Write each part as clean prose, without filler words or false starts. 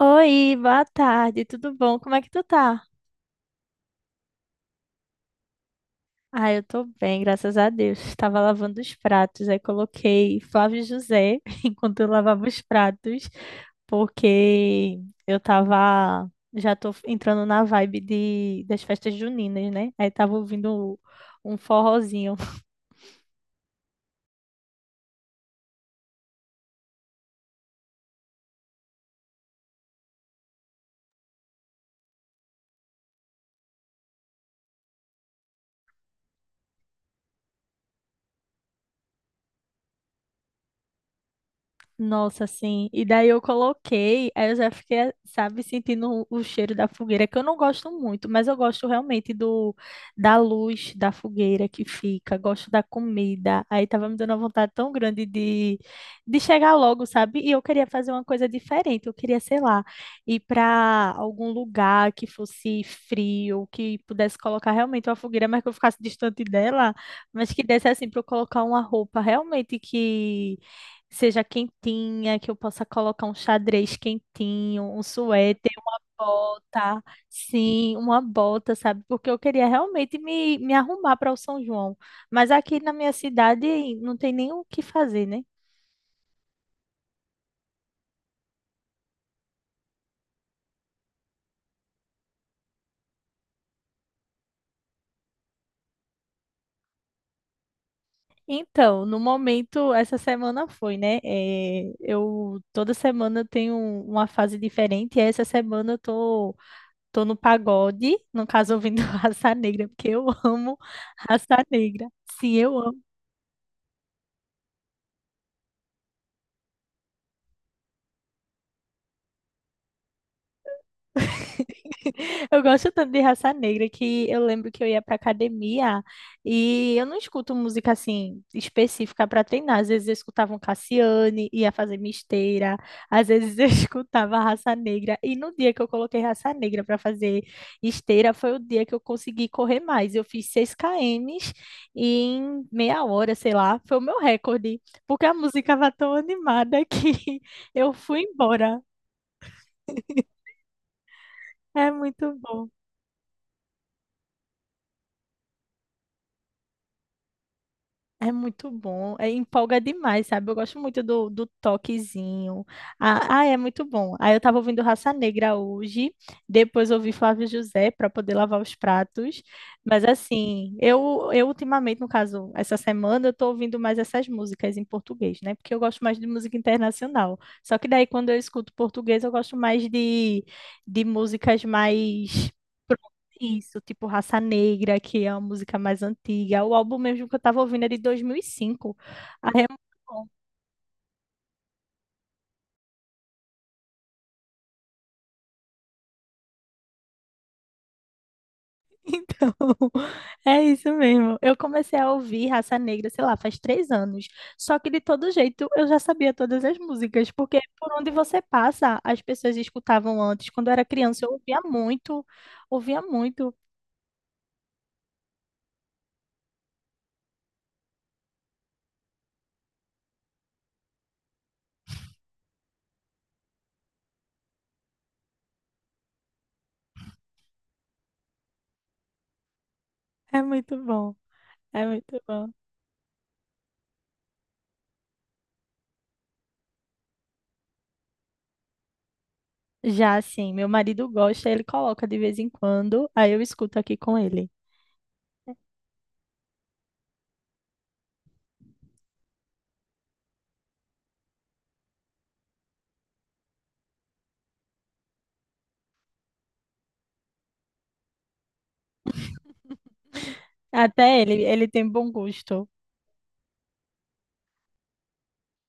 Oi, boa tarde, tudo bom? Como é que tu tá? Ah, eu tô bem, graças a Deus. Estava lavando os pratos, aí coloquei Flávio José enquanto eu lavava os pratos, porque eu tava, já tô entrando na vibe das festas juninas, né? Aí tava ouvindo um forrozinho. Nossa, sim. E daí eu coloquei, aí eu já fiquei, sabe, sentindo o cheiro da fogueira, que eu não gosto muito, mas eu gosto realmente do da luz da fogueira que fica, gosto da comida. Aí tava me dando uma vontade tão grande de chegar logo, sabe? E eu queria fazer uma coisa diferente, eu queria, sei lá, ir para algum lugar que fosse frio, que pudesse colocar realmente uma fogueira, mas que eu ficasse distante dela, mas que desse assim para eu colocar uma roupa realmente que seja quentinha, que eu possa colocar um xadrez quentinho, um suéter, uma bota, sim, uma bota, sabe? Porque eu queria realmente me arrumar para o São João, mas aqui na minha cidade não tem nem o que fazer, né? Então, no momento, essa semana foi, né? Eu toda semana eu tenho uma fase diferente, e essa semana eu tô no pagode, no caso ouvindo Raça Negra, porque eu amo Raça Negra. Sim, eu amo. Eu gosto tanto de Raça Negra que eu lembro que eu ia pra academia e eu não escuto música assim específica para treinar. Às vezes eu escutava um Cassiane, ia fazer minha esteira, às vezes eu escutava Raça Negra. E no dia que eu coloquei Raça Negra para fazer esteira, foi o dia que eu consegui correr mais. Eu fiz 6 km em meia hora, sei lá, foi o meu recorde, porque a música estava tão animada que eu fui embora. É muito bom. É muito bom, é, empolga demais, sabe? Eu gosto muito do toquezinho. Ah, ah, é muito bom. Aí eu tava ouvindo Raça Negra hoje, depois ouvi Flávio José para poder lavar os pratos. Mas assim, eu ultimamente, no caso, essa semana, eu tô ouvindo mais essas músicas em português, né? Porque eu gosto mais de música internacional. Só que daí, quando eu escuto português, eu gosto mais de músicas mais. Isso, tipo Raça Negra, que é a música mais antiga. O álbum mesmo que eu tava ouvindo é de 2005. Aí é muito bom. Então, é isso mesmo. Eu comecei a ouvir Raça Negra, sei lá, faz 3 anos. Só que de todo jeito eu já sabia todas as músicas, porque por onde você passa, as pessoas escutavam antes. Quando eu era criança, eu ouvia muito, ouvia muito. É muito bom, é muito bom. Já assim, meu marido gosta, ele coloca de vez em quando, aí eu escuto aqui com ele. Até ele tem bom gosto,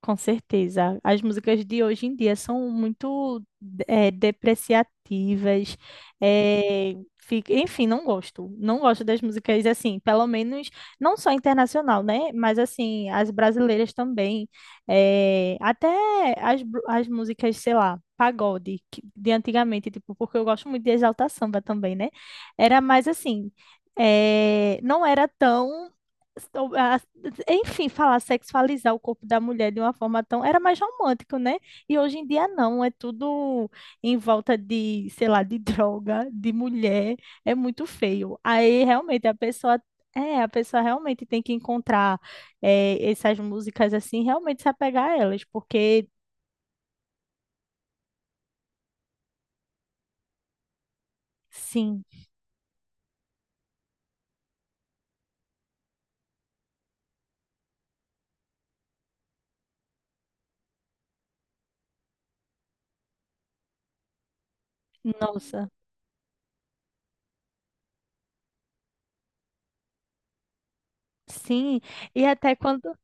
com certeza. As músicas de hoje em dia são muito depreciativas. Enfim, não gosto. Não gosto das músicas assim, pelo menos não só internacional, né? Mas assim, as brasileiras também. Até as músicas, sei lá, pagode, de antigamente, tipo, porque eu gosto muito de Exalta Samba também, né? Era mais assim. Não era tão so- a- enfim, falar sexualizar o corpo da mulher de uma forma tão. Era mais romântico, né? E hoje em dia não, é tudo em volta de, sei lá, de droga, de mulher. É muito feio. Aí realmente a pessoa. É, a pessoa realmente tem que encontrar essas músicas assim, realmente se apegar a elas, porque sim, nossa, sim. E até quando.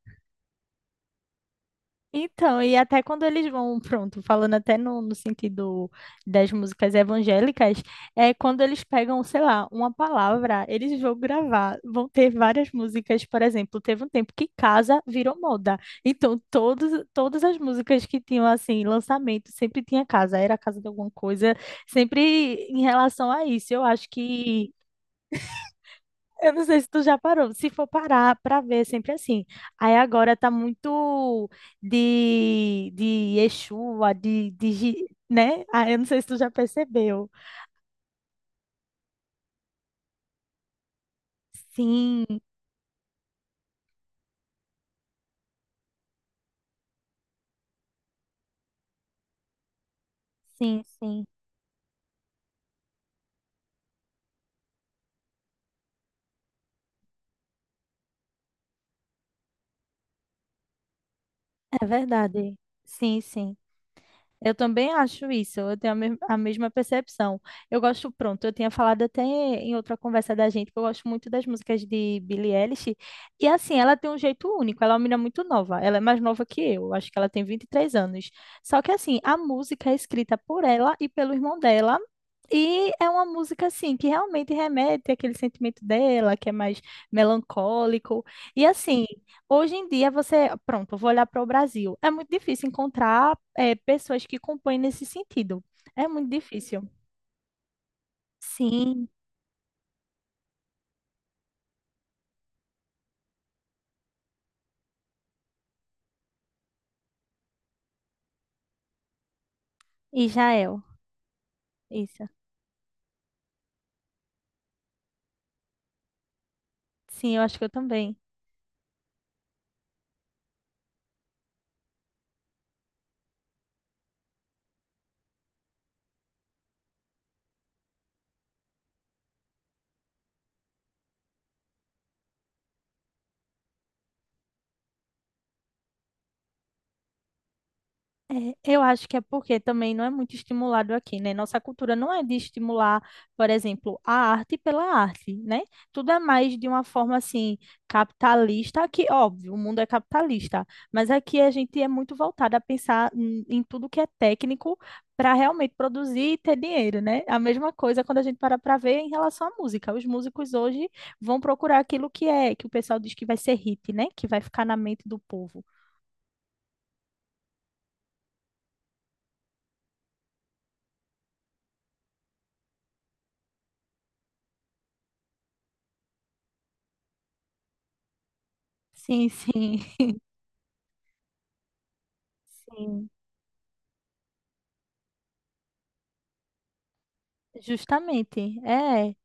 Então, e até quando eles vão, pronto, falando até no sentido das músicas evangélicas, é quando eles pegam, sei lá, uma palavra, eles vão gravar, vão ter várias músicas, por exemplo, teve um tempo que casa virou moda. Então, todos, todas as músicas que tinham, assim, lançamento, sempre tinha casa, era casa de alguma coisa, sempre em relação a isso. Eu acho que eu não sei se tu já parou. Se for parar para ver, é sempre assim. Aí agora tá muito de Exua, né? Ah, eu não sei se tu já percebeu. Sim, sim, sim. É verdade. Sim, sim. Eu também acho isso, eu tenho a mesma percepção. Eu gosto, pronto, eu tinha falado até em outra conversa da gente que eu gosto muito das músicas de Billie Eilish. E assim, ela tem um jeito único, ela é uma menina muito nova, ela é mais nova que eu, acho que ela tem 23 anos. Só que assim, a música é escrita por ela e pelo irmão dela. E é uma música assim que realmente remete àquele sentimento dela, que é mais melancólico. E assim, hoje em dia, você, pronto, eu vou olhar para o Brasil. É muito difícil encontrar, pessoas que compõem nesse sentido. É muito difícil. Sim, Israel. Isso. Sim, eu acho que eu também. É, eu acho que é porque também não é muito estimulado aqui, né? Nossa cultura não é de estimular, por exemplo, a arte pela arte, né? Tudo é mais de uma forma assim capitalista, que óbvio, o mundo é capitalista, mas aqui a gente é muito voltado a pensar em tudo que é técnico para realmente produzir e ter dinheiro, né? A mesma coisa quando a gente para para ver em relação à música. Os músicos hoje vão procurar aquilo que é, que o pessoal diz que vai ser hit, né? Que vai ficar na mente do povo. Sim, sim. Sim. Justamente, é,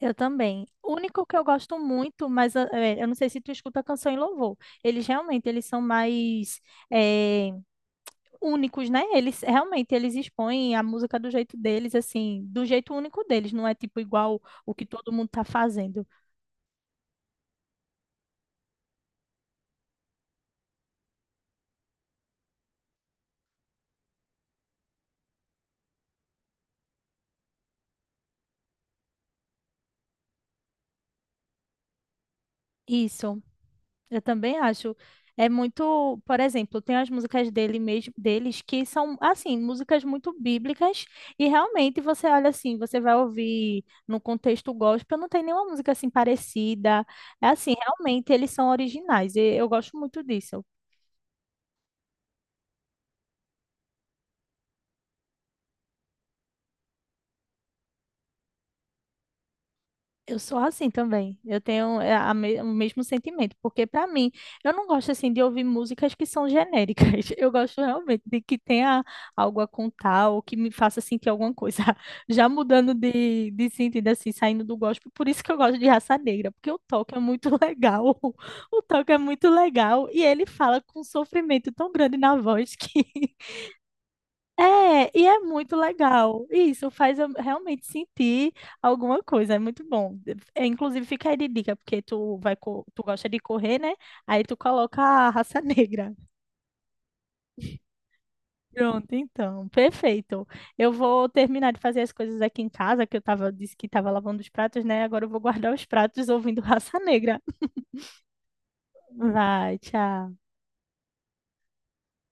eu também. O único que eu gosto muito, mas ah, eu não sei se tu escuta canção e louvor. Eles realmente, eles são mais eh, únicos, né? Eles realmente, eles expõem a música do jeito deles, assim, do jeito único deles, não é tipo igual o que todo mundo tá fazendo. Isso. Eu também acho. É muito, por exemplo, tem as músicas dele mesmo, deles que são assim, músicas muito bíblicas e realmente você olha assim, você vai ouvir no contexto gospel, não tem nenhuma música assim parecida. É assim, realmente eles são originais e eu gosto muito disso. Eu sou assim também. Eu tenho é, o mesmo sentimento, porque para mim, eu não gosto assim de ouvir músicas que são genéricas. Eu gosto realmente de que tenha algo a contar ou que me faça sentir alguma coisa. Já mudando de sentido assim, saindo do gospel, por isso que eu gosto de Raça Negra, porque o toque é muito legal. O toque é muito legal e ele fala com um sofrimento tão grande na voz que é, e é muito legal. Isso faz eu realmente sentir alguma coisa, é muito bom. É, inclusive, fica aí de dica, porque tu vai, tu gosta de correr, né? Aí tu coloca a Raça Negra. Pronto, então, perfeito. Eu vou terminar de fazer as coisas aqui em casa, que eu tava, disse que estava lavando os pratos, né? Agora eu vou guardar os pratos ouvindo Raça Negra. Vai, tchau.